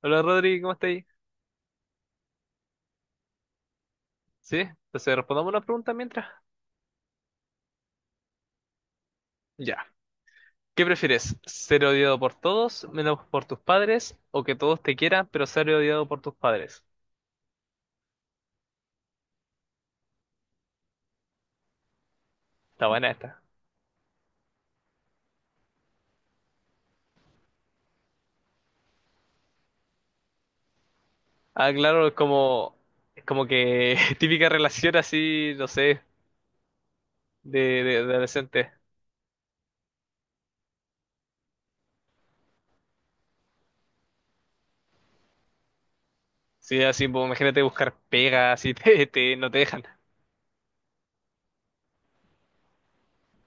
Hola Rodri, ¿cómo estáis? ¿Sí? Entonces respondamos una pregunta mientras. Ya. ¿Qué prefieres? ¿Ser odiado por todos, menos por tus padres? ¿O que todos te quieran, pero ser odiado por tus padres? Está buena esta. Ah, claro, es como que típica relación así, no sé, de, de adolescente. Sí, así, pues, imagínate buscar pegas así. No te dejan.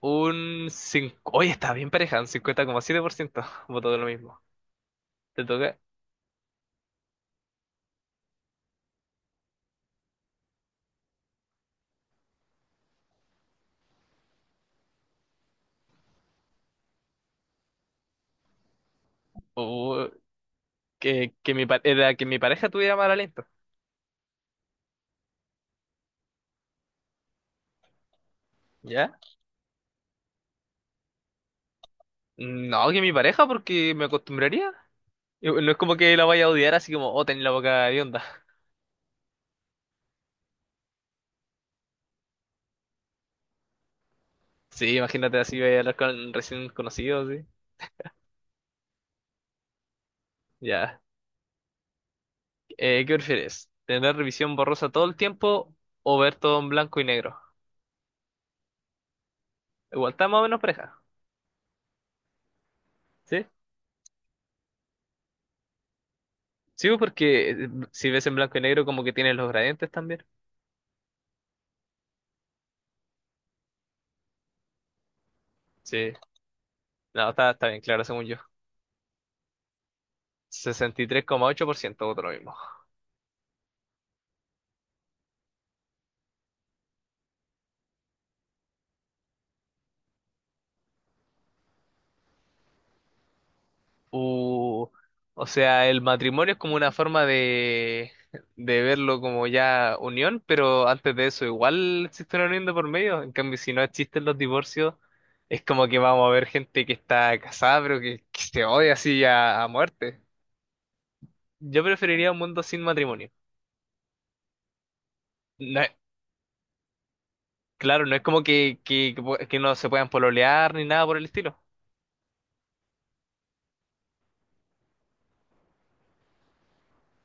Oye, está bien pareja, un 50,7%, votó lo mismo. ¿Te toca? Uh, que era que mi pareja tuviera mal aliento. ¿Ya? No, que mi pareja, porque me acostumbraría. Y no es como que la vaya a odiar así como, oh, tenés la boca onda. Sí, imagínate así, voy a hablar con recién conocidos, sí. Ya. ¿Qué prefieres? ¿Tener revisión borrosa todo el tiempo o ver todo en blanco y negro? Igual está más o menos pareja, ¿sí? Sí, pues, porque si ves en blanco y negro como que tienes los gradientes también. Sí. No, está bien claro, según yo. 63,8% voto lo mismo. O, o sea, el matrimonio es como una forma de, verlo como ya unión, pero antes de eso igual existe una unión de por medio. En cambio, si no existen los divorcios, es como que vamos a ver gente que está casada, pero que se odia así a muerte. Yo preferiría un mundo sin matrimonio. No es- claro, no es como que que no se puedan pololear ni nada por el estilo.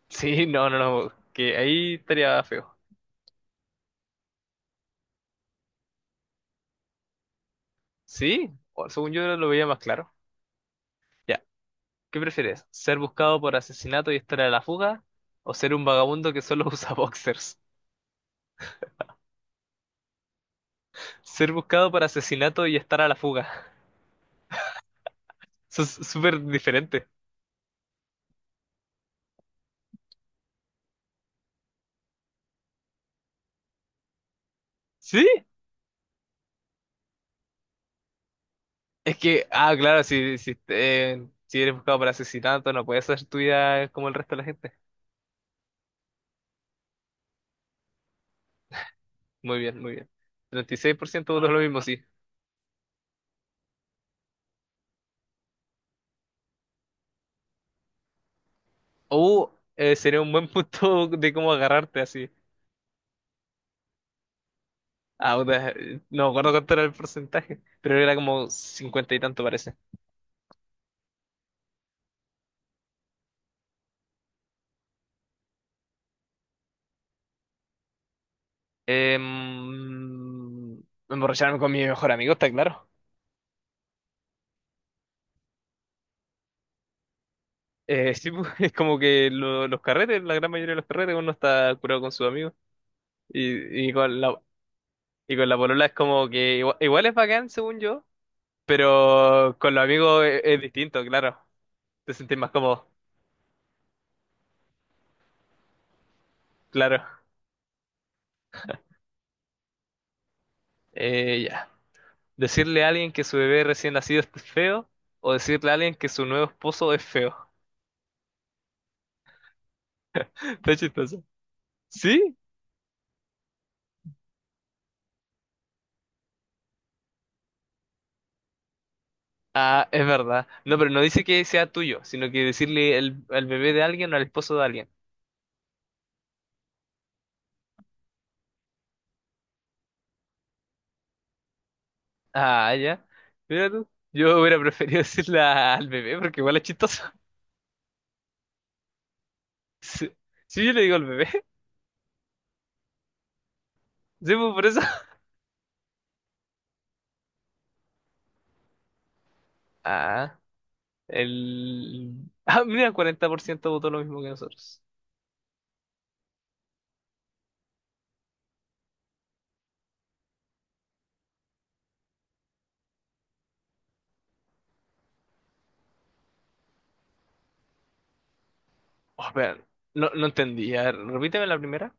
Sí, no, no, no, que ahí estaría feo. Sí, según yo lo veía más claro. Ya. ¿Qué prefieres? ¿Ser buscado por asesinato y estar a la fuga? ¿O ser un vagabundo que solo usa boxers? Ser buscado por asesinato y estar a la fuga. Eso es súper diferente. ¿Sí? Es que, ah, claro, si eres buscado por asesinato, no puedes hacer tu vida como el resto de la gente. Muy bien, muy bien. 36% votó lo mismo, sí. O Sería un buen punto de cómo agarrarte así. Ah, puta, no me acuerdo cuánto era el porcentaje, pero era como cincuenta y tanto parece. Em, Emborracharme con mi mejor amigo, está claro. Sí, pues, es como que los carretes, la gran mayoría de los carretes, uno está curado con sus amigos. Y, y con la, y con la polola es como que igual es bacán, según yo, pero con los amigos es distinto, claro. Te sentís más cómodo, claro. Ya. Decirle a alguien que su bebé recién nacido es feo, o decirle a alguien que su nuevo esposo es feo. Está chistoso. ¿Sí? Ah, es verdad. No, pero no dice que sea tuyo, sino que decirle al bebé de alguien o al esposo de alguien. Ah, ya. Mira tú. Yo hubiera preferido decirle al bebé porque igual es chistoso. Sí, sí, yo le digo al bebé. Sí, pues, por eso. Ah, el... Ah, mira, 40% votó lo mismo que nosotros. Oh, vean, no, no entendí. A ver, repíteme la primera.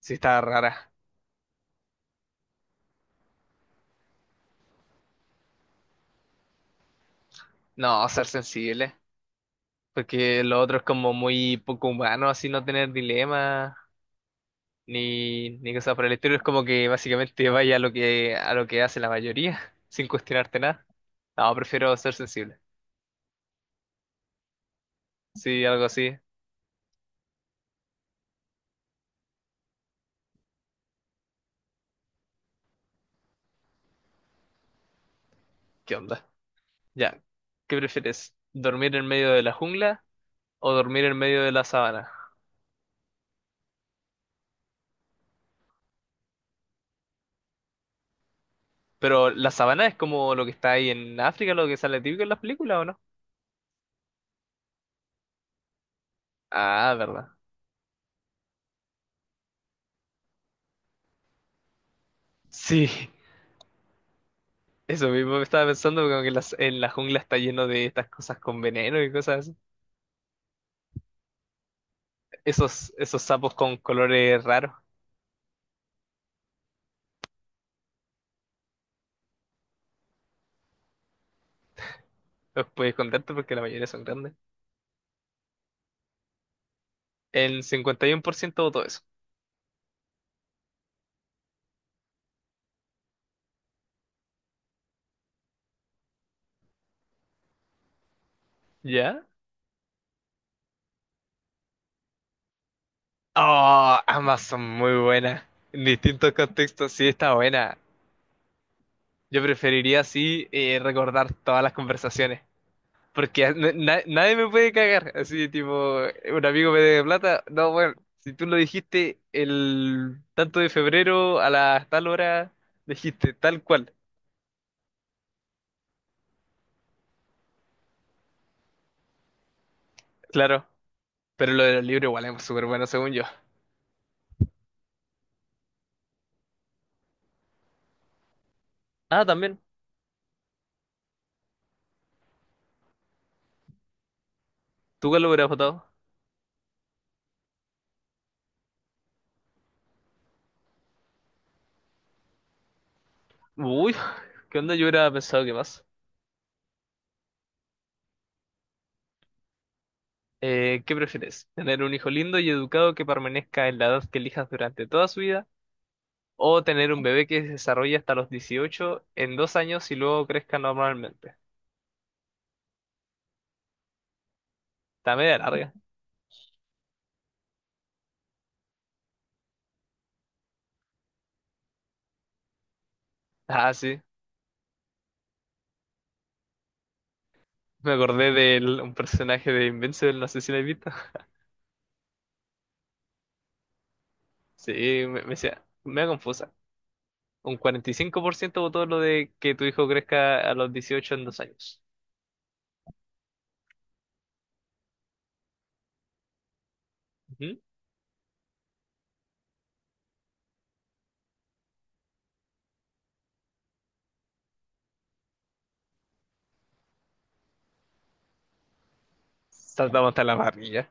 Sí, está rara. No, ser sensible. Porque lo otro es como muy poco humano, así no tener dilema. Ni cosas por el estilo. Es como que básicamente vaya a lo que hace la mayoría, sin cuestionarte nada. No, prefiero ser sensible. Sí, algo así. ¿Qué onda? Ya. ¿Qué prefieres? ¿Dormir en medio de la jungla o dormir en medio de la sabana? Pero la sabana es como lo que está ahí en África, lo que sale típico en las películas, ¿o no? Ah, verdad. Sí, eso mismo me estaba pensando, como que en la jungla está lleno de estas cosas con veneno y cosas así. Esos sapos con colores raros. Los podéis contar tú porque la mayoría son grandes. El 51% votó eso. ¿Ya? Oh, ambas son muy buenas. En distintos contextos sí está buena. Yo preferiría, sí, recordar todas las conversaciones. Porque nadie me puede cagar. Así tipo, un amigo me debe plata. No, bueno, si tú lo dijiste el tanto de febrero a las tal hora, dijiste tal cual. Claro. Pero lo de los libros igual es súper bueno según yo. Ah, también. ¿Tú cuál lo hubieras votado? Uy, ¿qué onda? Yo hubiera pensado que más. ¿Qué prefieres? ¿Tener un hijo lindo y educado que permanezca en la edad que elijas durante toda su vida? ¿O tener un bebé que se desarrolle hasta los 18 en 2 años y luego crezca normalmente? Está media larga. Ah, sí. Me acordé de un personaje de Invincible, no sé si lo has visto. Sí, me decía, me da confusa. Un 45% votó lo de que tu hijo crezca a los 18 en 2 años. Ujú. Saltamos hasta la parrilla.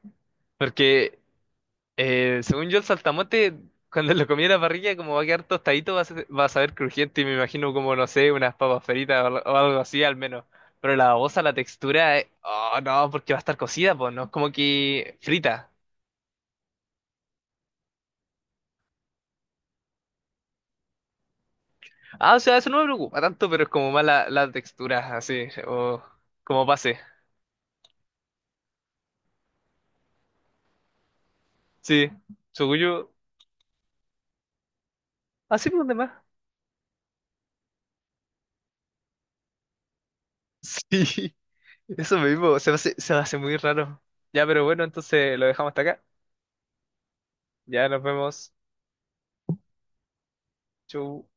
Porque Según yo, el saltamonte, cuando lo comí en la parrilla, como va a quedar tostadito, va a saber crujiente y me imagino como, no sé, unas papas fritas o algo así al menos. Pero la babosa, la textura, oh no, porque va a estar cocida, pues no es como que frita. Ah, o sea, eso no me preocupa tanto, pero es como más la textura, así, o como pase. Sí, según yo, así por demás. Sí, eso mismo, se me hace muy raro. Ya, pero bueno, entonces lo dejamos hasta acá. Ya nos vemos. Chau.